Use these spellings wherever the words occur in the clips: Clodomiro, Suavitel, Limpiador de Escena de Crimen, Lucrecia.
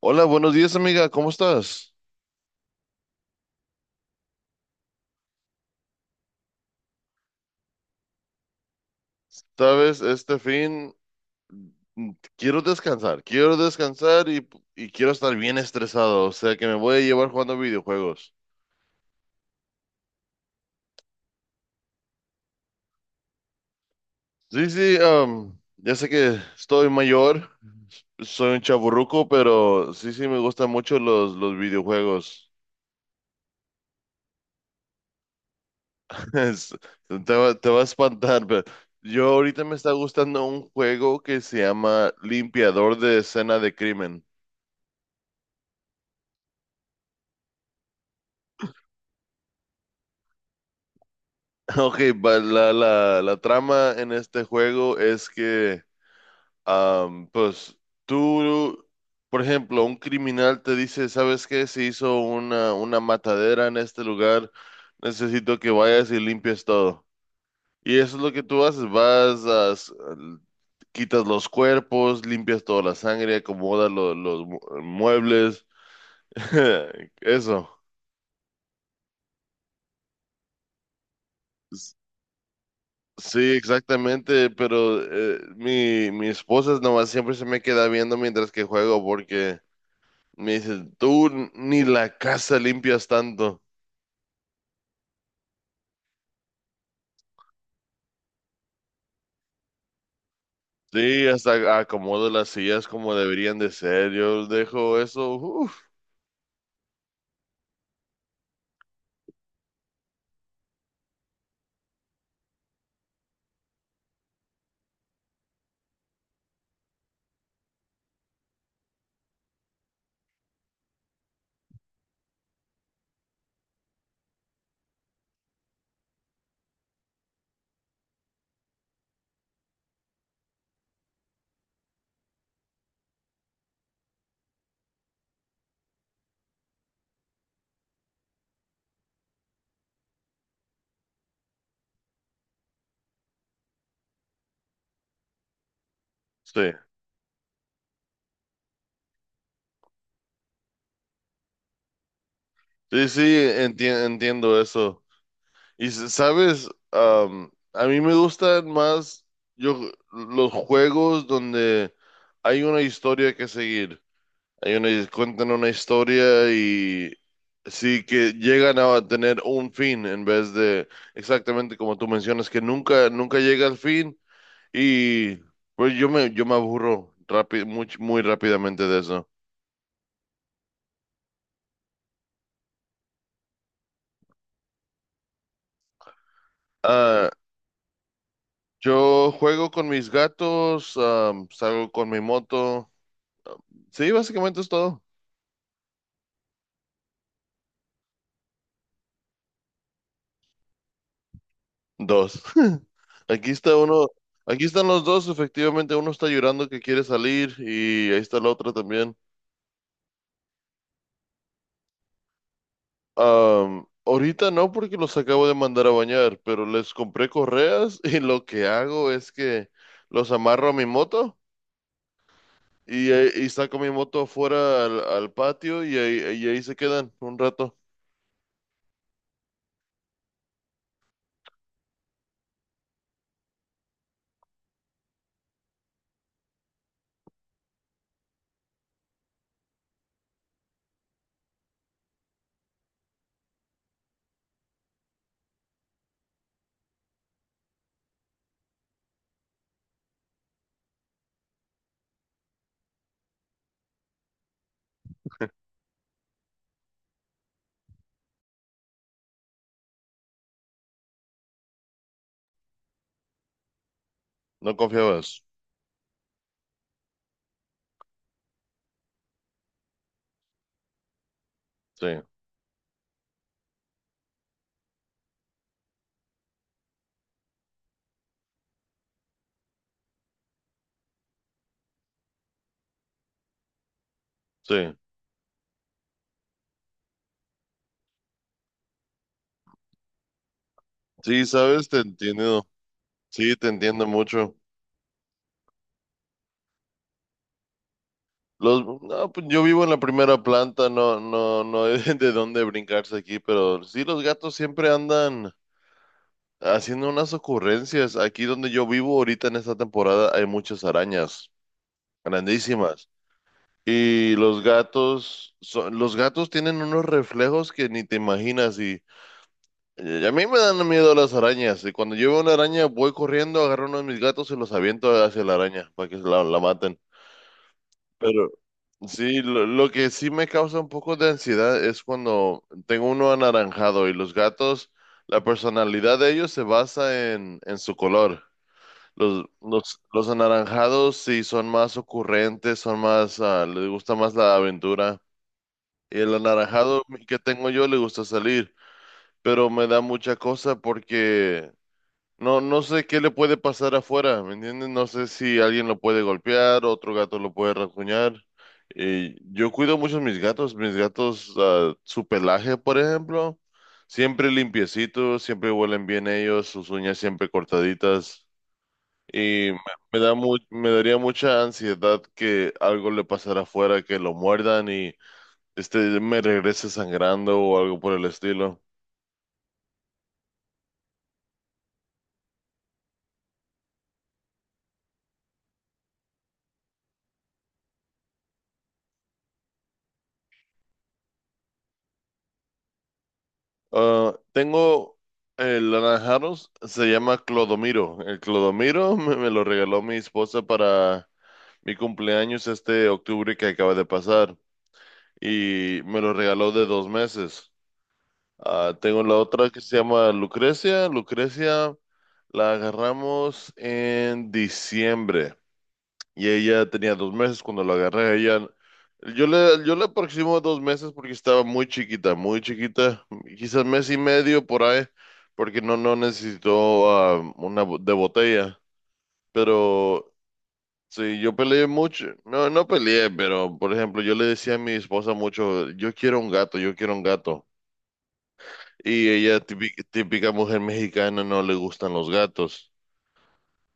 Hola, buenos días, amiga. ¿Cómo estás? Sabes, este fin mm, quiero descansar, y quiero estar bien estresado, o sea que me voy a llevar jugando videojuegos. Sí, sí, ya sé que estoy mayor, soy un chaburruco, pero sí, sí, me gustan mucho los videojuegos. Es- te va a espantar, pero yo ahorita me está gustando un juego que se llama Limpiador de Escena de Crimen. Ok, la trama en este juego es que, pues, tú, por ejemplo, un criminal te dice, ¿sabes qué? Se hizo una matadera en este lugar, necesito que vayas y limpies todo. Y eso es lo que tú haces, vas, quitas los cuerpos, limpias toda la sangre, acomodas los muebles, eso. Sí, exactamente, pero mi esposa nomás siempre se me queda viendo mientras que juego porque me dice, tú ni la casa limpias tanto. Sí, hasta acomodo las sillas como deberían de ser, yo dejo eso, uf, sí, sí, sí, entiendo eso. Y sabes, a mí me gustan más yo, los juegos donde hay una historia que seguir. Hay una, cuentan una historia y sí que llegan a tener un fin en vez de exactamente como tú mencionas, que nunca, nunca llega al fin y pues yo me aburro rápido, muy, muy rápidamente de eso. Ah, yo juego con mis gatos, salgo con mi moto. Sí, básicamente es todo. Dos. Aquí está uno, aquí están los dos, efectivamente uno está llorando que quiere salir y ahí está la otra también. Ahorita no porque los acabo de mandar a bañar, pero les compré correas y lo que hago es que los amarro a mi moto y saco mi moto afuera al patio y ahí se quedan un rato. ¿No confiabas? Sí, sí. Sí, sabes, te entiendo. Sí, te entiendo mucho. Los, no, pues yo vivo en la primera planta, no, no, no hay de dónde brincarse aquí, pero sí, los gatos siempre andan. Haciendo unas ocurrencias, aquí donde yo vivo ahorita en esta temporada hay muchas arañas grandísimas y los gatos son, los gatos tienen unos reflejos que ni te imaginas y a mí me dan miedo las arañas y cuando yo veo una araña voy corriendo, agarro uno de mis gatos y los aviento hacia la araña para que la maten. Pero sí, lo que sí me causa un poco de ansiedad es cuando tengo uno anaranjado y los gatos, la personalidad de ellos se basa en su color. Los anaranjados sí son más ocurrentes, son más, ah, les gusta más la aventura. Y el anaranjado que tengo yo le gusta salir, pero me da mucha cosa porque no, no sé qué le puede pasar afuera, ¿me entiendes? No sé si alguien lo puede golpear, otro gato lo puede rasguñar. Y yo cuido mucho mis gatos, ah, su pelaje, por ejemplo, siempre limpiecito, siempre huelen bien ellos, sus uñas siempre cortaditas. Y me, me daría mucha ansiedad que algo le pasara afuera, que lo muerdan y este me regrese sangrando o algo por el estilo. Ah, tengo el naranjaros, se llama Clodomiro. El Clodomiro me lo regaló mi esposa para mi cumpleaños este octubre que acaba de pasar y me lo regaló de dos meses. Ah, tengo la otra que se llama Lucrecia. Lucrecia la agarramos en diciembre. Y ella tenía dos meses cuando la agarré. Ella, yo le aproximo dos meses porque estaba muy chiquita, muy chiquita. Quizás mes y medio por ahí, porque no, no necesitó una de botella. Pero sí, yo peleé mucho. No, no peleé, pero por ejemplo, yo le decía a mi esposa mucho, yo quiero un gato, yo quiero un gato. Y ella, típica, típica mujer mexicana, no le gustan los gatos.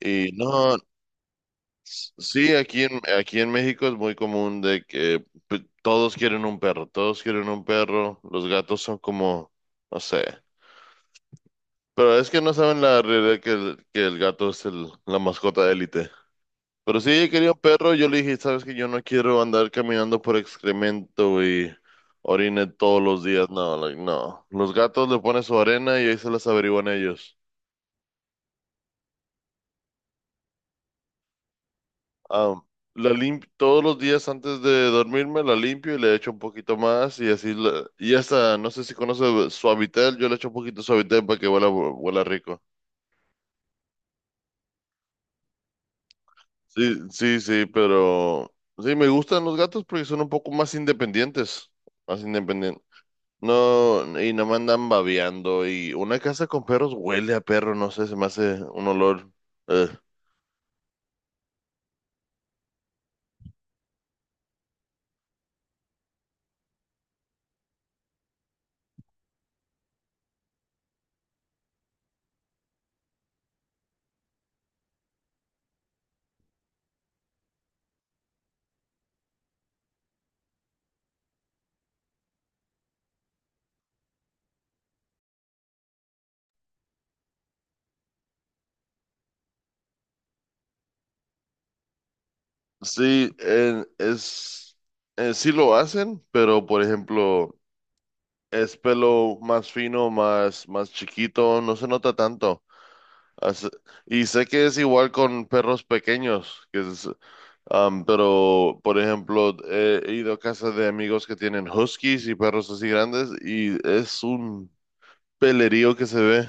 Y no, sí, aquí en México es muy común de que todos quieren un perro, todos quieren un perro, los gatos son como, no sé, pero es que no saben la realidad que que el gato es el, la mascota de élite. Pero si ella quería un perro, yo le dije, sabes que yo no quiero andar caminando por excremento y orine todos los días, no, like, no. Los gatos le ponen su arena y ahí se las averiguan ellos. Am, todos los días antes de dormirme la limpio y le echo un poquito más y así y hasta no sé si conoce Suavitel, yo le echo un poquito de Suavitel para que huela, huela rico. Sí, sí, sí, pero sí me gustan los gatos porque son un poco más independientes, más independientes. No, y no me andan babeando y una casa con perros huele a perro, no sé, se me hace un olor. eh. Sí, es sí lo hacen, pero por ejemplo es pelo más fino, más, más chiquito, no se nota tanto. Hace- Y sé que es igual con perros pequeños, que es, pero por ejemplo, he ido a casa de amigos que tienen huskies y perros así grandes y es un pelerío que se ve.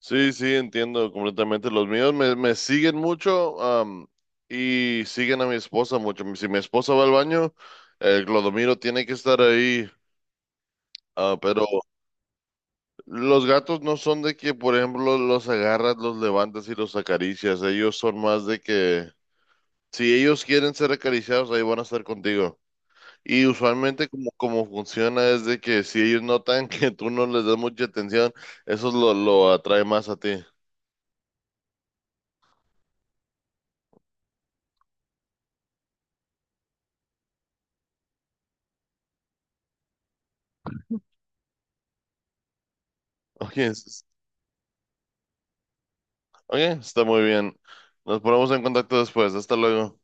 Sí, sí, entiendo completamente. Los míos me siguen mucho, y siguen a mi esposa mucho. Si mi esposa va al baño, el Clodomiro tiene que estar ahí. Ah, pero los gatos no son de que, por ejemplo, los agarras, los levantas y los acaricias. Ellos son más de que, si ellos quieren ser acariciados, ahí van a estar contigo. Y usualmente como, como funciona es de que si ellos notan que tú no les das mucha atención, eso lo atrae más a ti. Oye, oye, está muy bien. Nos ponemos en contacto después. Hasta luego.